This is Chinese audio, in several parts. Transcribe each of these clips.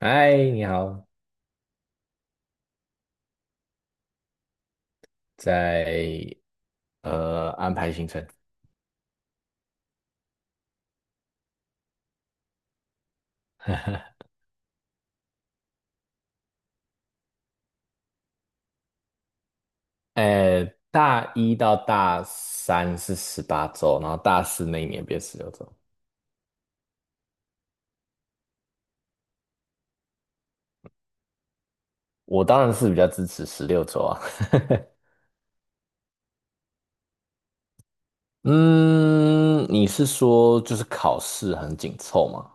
嗨，你好，在安排行程，呃，大一到大三是18周，然后大四那一年变十六周。我当然是比较支持十六周啊。嗯，你是说就是考试很紧凑吗？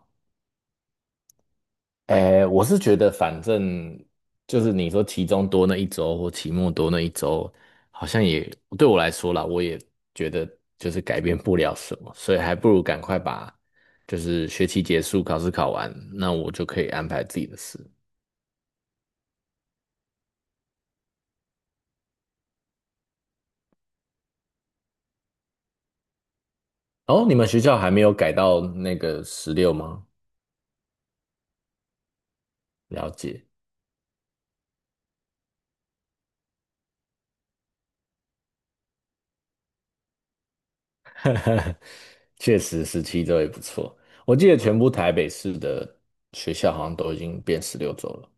哎，我是觉得反正就是你说期中多那一周或期末多那一周，好像也对我来说啦，我也觉得就是改变不了什么，所以还不如赶快把就是学期结束，考试考完，那我就可以安排自己的事。哦，你们学校还没有改到那个十六吗？了解，确实17周也不错。我记得全部台北市的学校好像都已经变十六周了。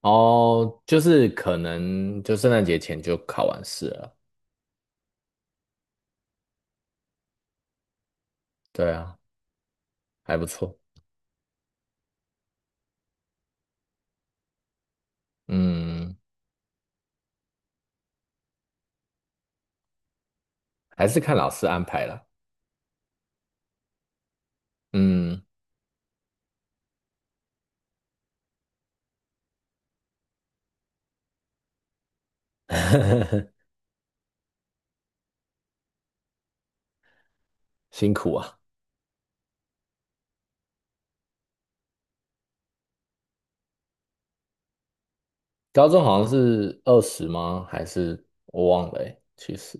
哦，就是可能就圣诞节前就考完试了。对啊，还不错。嗯，还是看老师安排啦。嗯，辛苦啊。高中好像是20吗？还是我忘了欸其实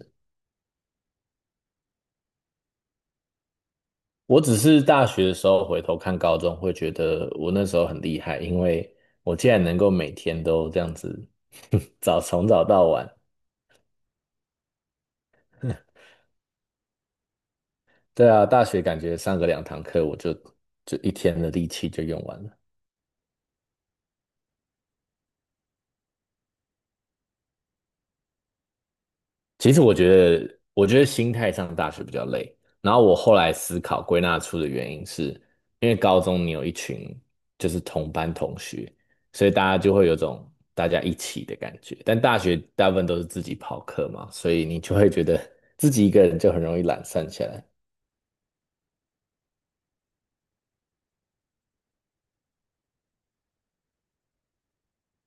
我只是大学的时候回头看高中，会觉得我那时候很厉害，因为我竟然能够每天都这样子 从早到晚。对啊，大学感觉上个两堂课，我就一天的力气就用完了。其实我觉得心态上大学比较累。然后我后来思考归纳出的原因是，因为高中你有一群就是同班同学，所以大家就会有种大家一起的感觉。但大学大部分都是自己跑课嘛，所以你就会觉得自己一个人就很容易懒散起来。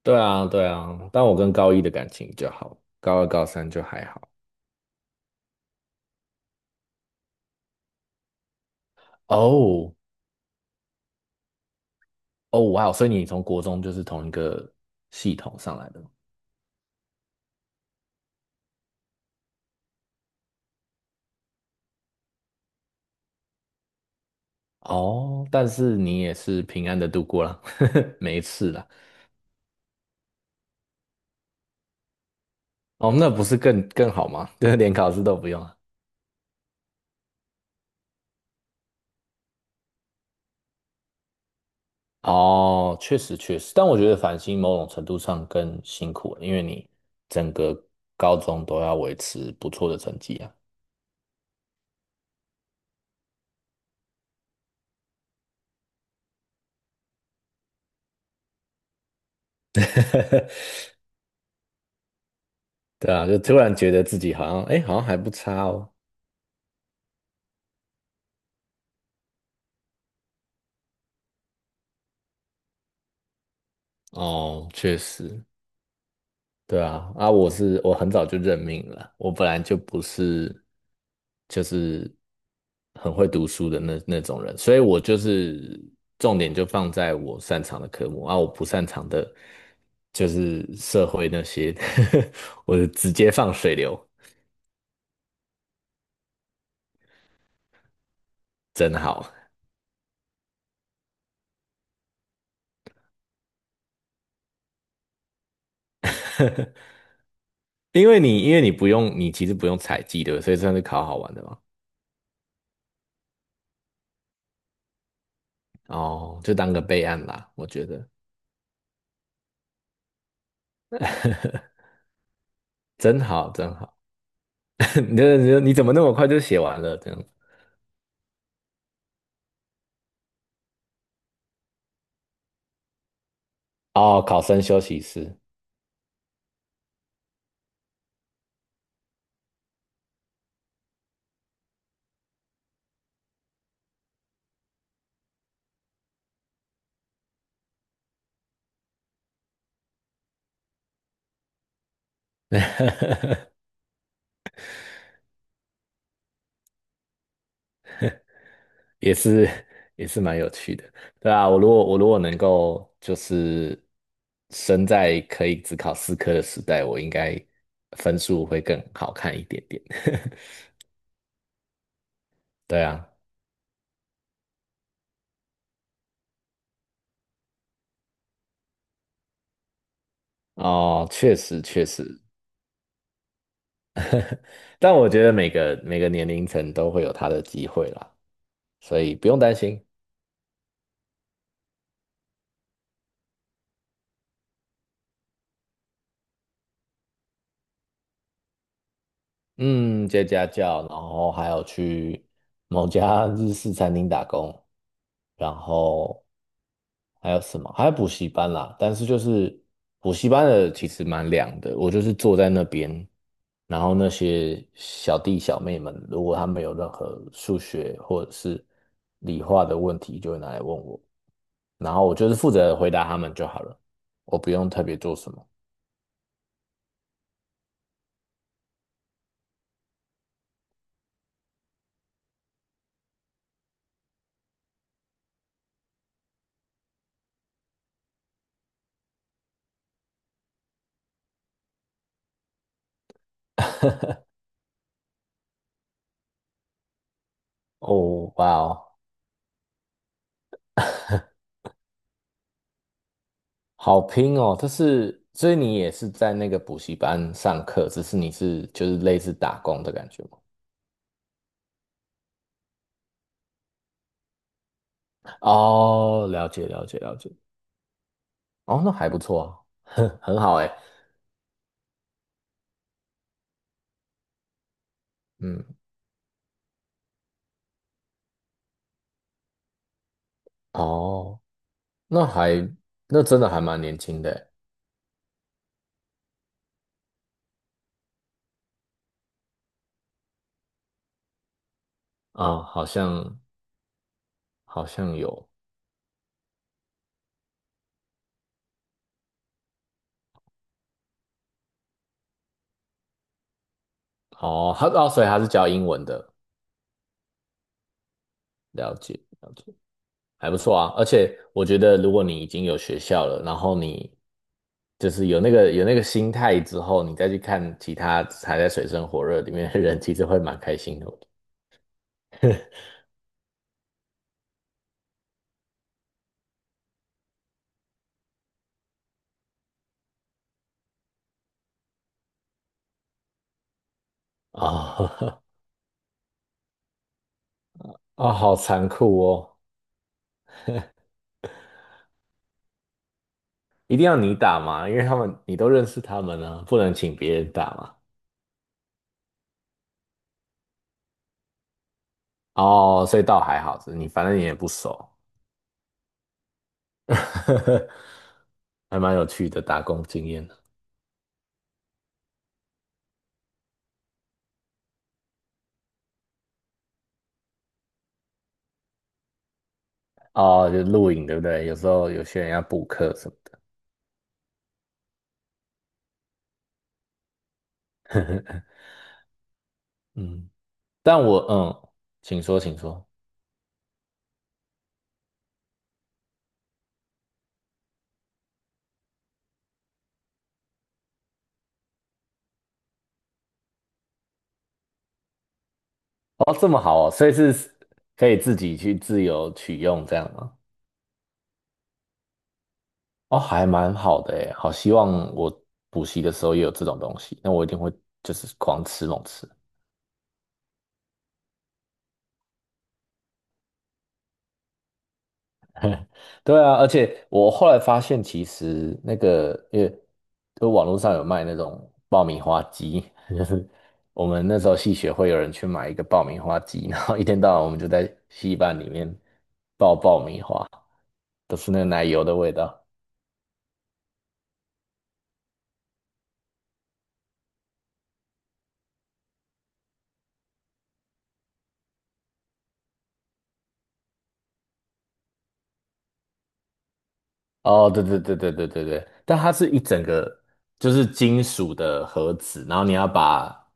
对啊，对啊。但我跟高一的感情就好，高二、高三就还好。哦哦，哇哦！所以你从国中就是同一个系统上来的哦，但是你也是平安的度过了，没事啦。哦，那不是更好吗？对，连考试都不用啊。哦，确实确实，但我觉得繁星某种程度上更辛苦了，因为你整个高中都要维持不错的成绩啊。对啊，就突然觉得自己好像，哎，好像还不差哦。哦，确实。对啊，啊，我是我很早就认命了，我本来就不是就是很会读书的那种人，所以我就是重点就放在我擅长的科目啊，我不擅长的就是社会那些，我就直接放水流，真好，因为你其实不用采集对不对所以算是考好玩的嘛，哦，就当个备案啦，我觉得 真好真好，你这你怎么那么快就写完了这样？哦，考生休息室 也是也是蛮有趣的，对啊，我如果我如果能够就是生在可以只考四科的时代，我应该分数会更好看一点点。对啊，哦，确实确实，但我觉得每个年龄层都会有他的机会啦，所以不用担心。嗯，接家教，然后还有去某家日式餐厅打工，然后还有什么？还有补习班啦。但是就是补习班的其实蛮凉的，我就是坐在那边，然后那些小弟小妹们，如果他们有任何数学或者是理化的问题，就会拿来问我，然后我就是负责回答他们就好了，我不用特别做什么。哦，哇哦。好拼哦，但是，所以你也是在那个补习班上课，只是你是就是类似打工的感觉吗？哦，了解了解了解。哦，那还不错啊，很好哎，嗯，哦，那还那真的还蛮年轻的欸啊，好像有哦，他哦，所以他是教英文的，了解了解。还不错啊。而且我觉得，如果你已经有学校了，然后你就是有那个有那个心态之后，你再去看其他还在水深火热里面的人，其实会蛮开心的。啊 啊，好残酷哦！一定要你打嘛，因为他们你都认识他们呢、不能请别人打嘛。哦，所以倒还好，你反正你也不熟，还蛮有趣的打工经验的。哦，就录影对不对？有时候有些人要补课什么的。嗯。但我嗯，请说，请说。哦，这么好哦，所以是可以自己去自由取用这样吗？哦，还蛮好的诶，好希望我补习的时候也有这种东西，那我一定会就是狂吃猛吃。对啊，而且我后来发现，其实那个因为就网络上有卖那种爆米花机，我们那时候系学会有人去买一个爆米花机，然后一天到晚我们就在戏班里面爆爆米花，都是那个奶油的味道。哦，对对对对对对对，但它是一整个就是金属的盒子，然后你要把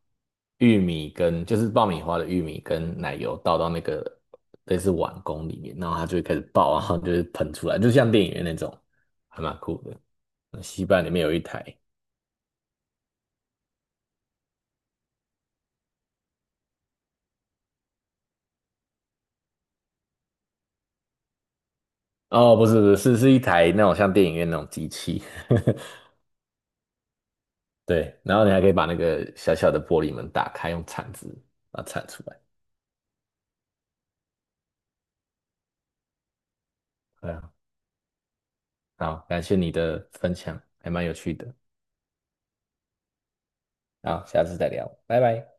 玉米跟就是爆米花的玉米跟奶油倒到那个类似碗公里面，然后它就会开始爆啊然后就是喷出来，就像电影院那种，还蛮酷的。那西班里面有一台，哦，不是不是，是一台那种像电影院那种机器，对，然后你还可以把那个小小的玻璃门打开，用铲子把它铲出来。对啊，好，感谢你的分享，还蛮有趣的。好，下次再聊，拜拜。